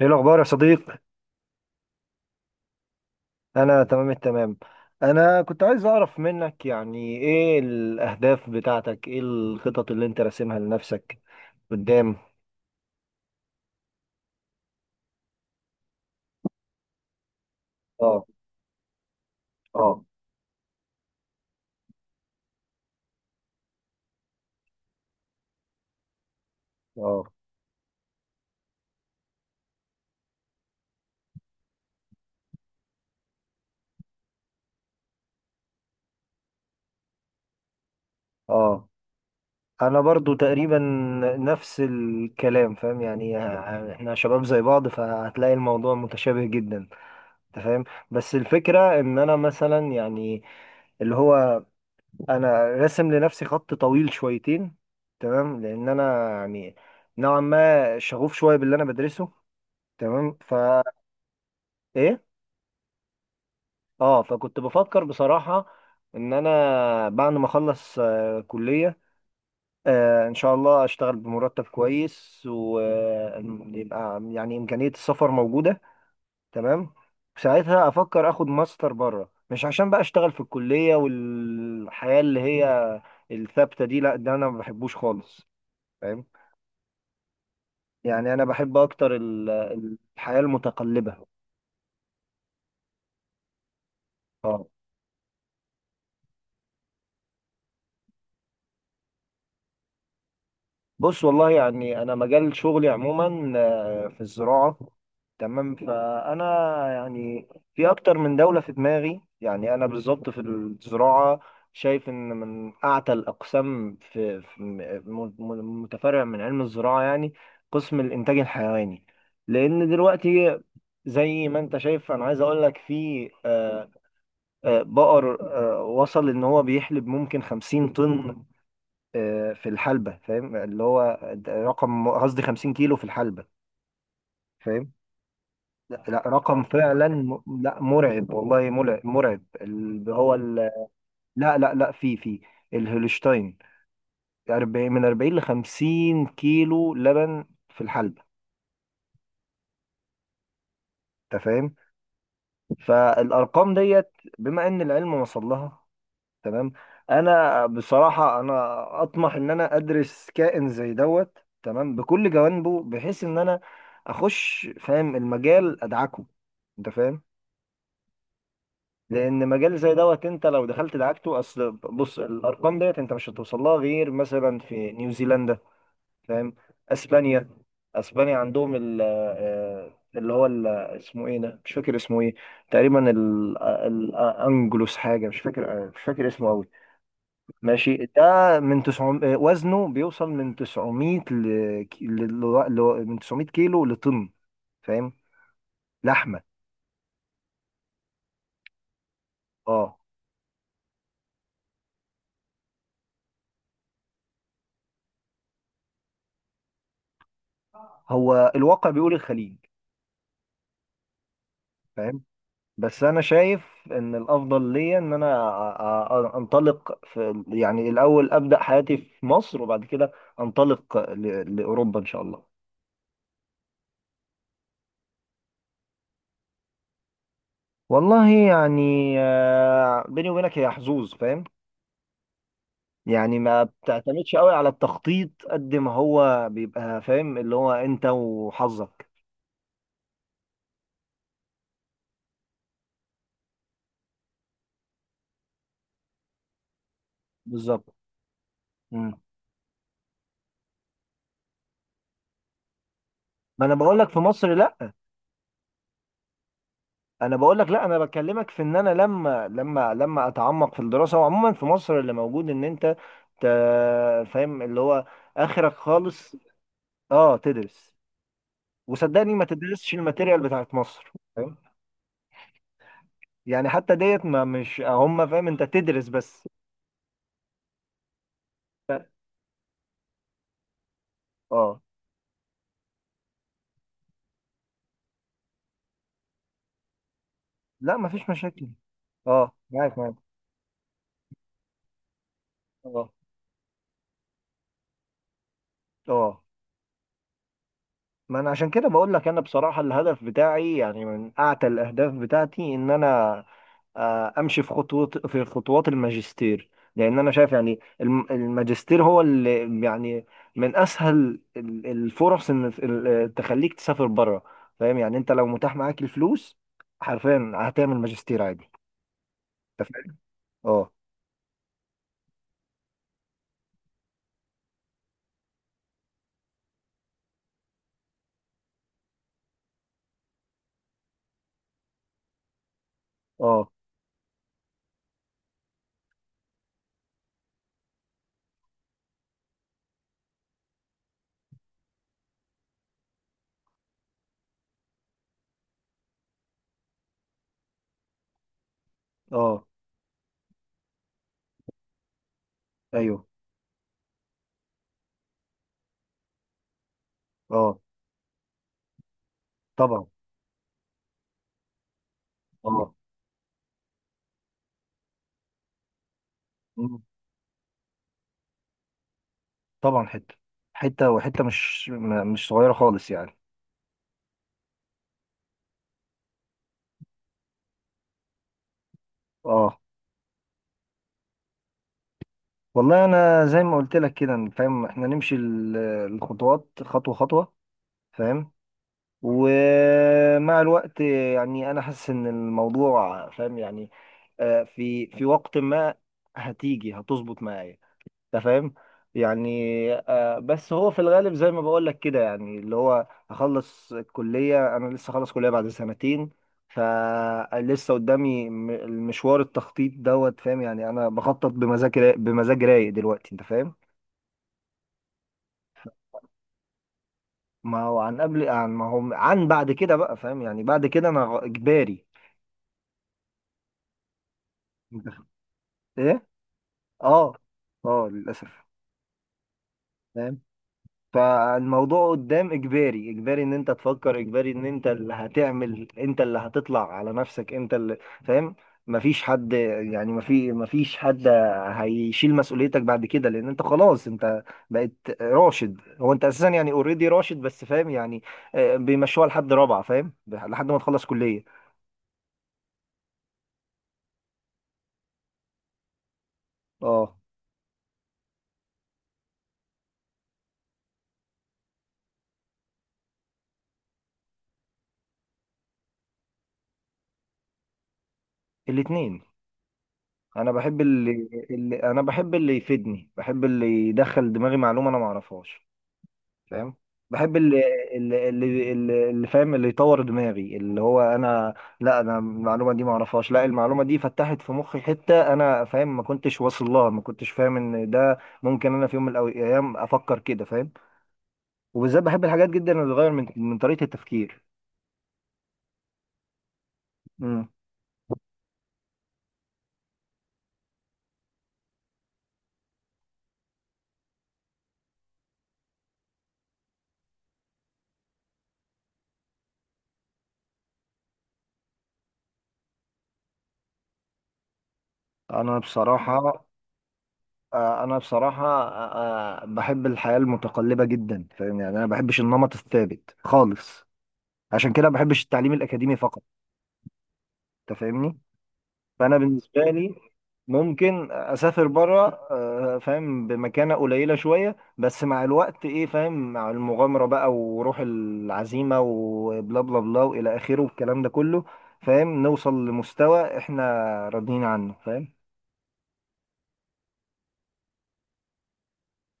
ايه الاخبار يا صديق؟ انا تمام التمام. انا كنت عايز اعرف منك يعني ايه الاهداف بتاعتك؟ ايه الخطط اللي انت راسمها لنفسك قدام؟ اه، اه، اه، اه. انا برضو تقريبا نفس الكلام، فاهم يعني احنا شباب زي بعض، فهتلاقي الموضوع متشابه جدا. انت فاهم؟ بس الفكرة ان انا مثلا يعني اللي هو، انا راسم لنفسي خط طويل شويتين، تمام. لان انا يعني نوعا ما شغوف شويه باللي انا بدرسه، تمام. ايه. اه، فكنت بفكر بصراحه ان انا بعد ما اخلص كليه، ان شاء الله اشتغل بمرتب كويس ويبقى يعني امكانيه السفر موجوده، تمام. ساعتها افكر اخد ماستر بره، مش عشان بقى اشتغل في الكليه والحياه اللي هي الثابته دي، لا، ده انا ما بحبوش خالص. فاهم؟ يعني انا بحب اكتر الحياة المتقلبة. اه. بص والله يعني انا مجال شغلي عموما في الزراعة، تمام. فانا يعني في اكتر من دولة في دماغي. يعني انا بالظبط في الزراعة شايف ان من اعتى الاقسام متفرع من علم الزراعة يعني قسم الانتاج الحيواني. لان دلوقتي زي ما انت شايف، انا عايز اقول لك في بقر وصل ان هو بيحلب ممكن 50 طن، في الحلبة. فاهم اللي هو ده رقم؟ قصدي 50 كيلو في الحلبة. فاهم؟ لا، لا، رقم فعلا لا، مرعب والله، مرعب مرعب اللي هو لا، لا، لا، في، الهولشتاين 40، من 40 ل 50 كيلو لبن في الحلبة. انت فاهم؟ فالارقام ديت، بما ان العلم وصل لها، تمام. انا بصراحه انا اطمح ان انا ادرس كائن زي دوت، تمام، بكل جوانبه، بحيث ان انا اخش فاهم المجال، ادعكه. انت فاهم؟ لان مجال زي دوت انت لو دخلت دعكته. اصل بص، الارقام ديت انت مش هتوصل لها غير مثلا في نيوزيلندا. فاهم؟ اسبانيا اسبانيا عندهم ال آه، اللي هو اسمه ايه ده؟ مش فاكر اسمه ايه تقريبا، الانجلوس حاجه، مش فاكر مش فاكر اسمه قوي. ماشي، ده من 900، وزنه بيوصل من 900 ل... ك- ل... ل... من 900 كيلو لطن. فاهم؟ لحمة. اه. هو الواقع بيقول الخليج. فاهم؟ بس انا شايف ان الافضل ليا ان انا انطلق في يعني، الاول ابدا حياتي في مصر، وبعد كده انطلق لاوروبا ان شاء الله. والله يعني بيني وبينك هي حظوظ. فاهم يعني ما بتعتمدش قوي على التخطيط قد ما هو بيبقى، فاهم اللي هو انت وحظك. بالظبط. مم. ما انا بقول لك في مصر لا. انا بقول لك لا، انا بكلمك في ان انا لما اتعمق في الدراسه. وعموما في مصر اللي موجود ان انت ت- فاهم اللي هو اخرك خالص. اه، تدرس. وصدقني ما تدرسش الماتيريال بتاعت مصر، فاهم؟ يعني حتى ديت ما مش هم، فاهم؟ انت تدرس بس. اه. لا، ما فيش مشاكل. اه، معاك، معاك. اه، اه. ما انا عشان كده بقول لك انا بصراحه. الهدف بتاعي يعني من اعتى الاهداف بتاعتي ان انا امشي في خطوات، في خطوات الماجستير. لان انا شايف يعني الماجستير هو اللي يعني من اسهل الفرص ان تخليك تسافر بره. فاهم يعني انت لو متاح معاك الفلوس، حرفيا هتعمل ماجستير عادي. انت فاهم؟ اه، اه، اه. ايوه. اه، طبعا. اه. مم. طبعا حته، حته وحته مش مش صغيره خالص يعني. اه، والله انا زي ما قلت لك كده، فاهم، احنا نمشي الخطوات خطوه خطوه. فاهم؟ ومع الوقت يعني انا حاسس ان الموضوع، فاهم يعني في وقت ما هتيجي هتظبط معايا. انت فاهم؟ يعني بس هو في الغالب زي ما بقول لك كده، يعني اللي هو هخلص الكليه. انا لسه خلص كليه بعد سنتين، فلسه قدامي المشوار، التخطيط دوت. فاهم يعني انا بخطط بمزاج بمزاج رايق دلوقتي. انت فاهم؟ ما هو عن قبل، عن، ما هو عن بعد كده بقى، فاهم يعني بعد كده انا اجباري. انت ايه. اه، اه، للاسف. فاهم؟ فالموضوع قدام اجباري، اجباري ان انت تفكر، اجباري ان انت اللي هتعمل، انت اللي هتطلع على نفسك، انت اللي، فاهم، مفيش حد، يعني مفيش حد هيشيل مسؤوليتك بعد كده. لان انت خلاص انت بقيت راشد. هو انت اساسا يعني اوريدي راشد بس، فاهم يعني بيمشوها لحد رابعة، فاهم؟ لحد ما تخلص كلية. اه. الاتنين. انا بحب اللي, اللي انا بحب، اللي يفيدني، بحب اللي يدخل دماغي معلومه انا ما اعرفهاش. فاهم؟ بحب اللي فاهم، اللي يطور دماغي، اللي هو انا، لا، انا المعلومه دي ما اعرفهاش. لا، المعلومه دي فتحت في مخي حته انا، فاهم، ما كنتش واصل لها، ما كنتش فاهم ان ده ممكن. انا في يوم من الايام افكر كده، فاهم. وبالذات بحب الحاجات جدا اللي بتغير من طريقه التفكير. امم انا بصراحه انا بصراحه بحب الحياه المتقلبه جدا. فاهم يعني انا ما بحبش النمط الثابت خالص، عشان كده ما بحبش التعليم الاكاديمي فقط. انت فاهمني؟ فانا بالنسبه لي ممكن اسافر بره، فاهم، بمكانه قليله شويه، بس مع الوقت، ايه، فاهم، مع المغامره بقى، وروح العزيمه، وبلا بلا بلا والى اخره، والكلام ده كله، فاهم، نوصل لمستوى احنا راضيين عنه. فاهم؟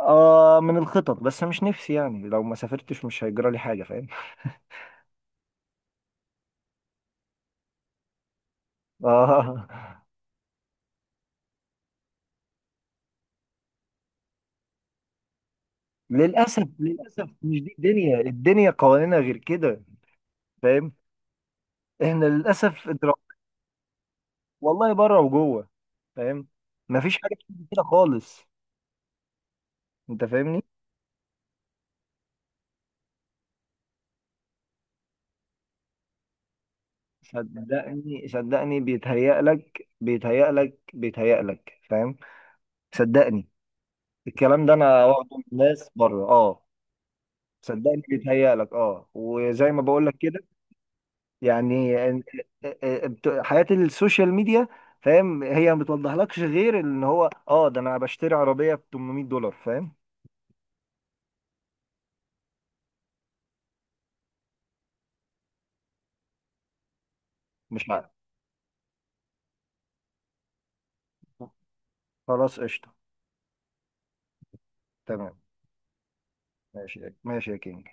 آه، من الخطط بس مش نفسي يعني، لو ما سافرتش مش هيجرى لي حاجة. فاهم؟ اه. للاسف للاسف، مش دي الدنيا، الدنيا قوانينها غير كده. فاهم؟ احنا للاسف والله بره وجوه. فاهم؟ مفيش حاجه بتيجي كده خالص. انت فاهمني؟ صدقني صدقني، بيتهيأ لك، بيتهيأ لك، بيتهيأ لك. فاهم؟ صدقني، الكلام ده انا واخده من ناس بره. اه. صدقني بيتهيأ لك. اه، وزي ما بقول لك كده، يعني حياة السوشيال ميديا، فاهم، هي ما بتوضحلكش غير ان هو، ده انا بشتري عربية ب 800 دولار. فاهم؟ مش عارف. خلاص، قشطة. تمام. ماشي، ماشي يا كينج.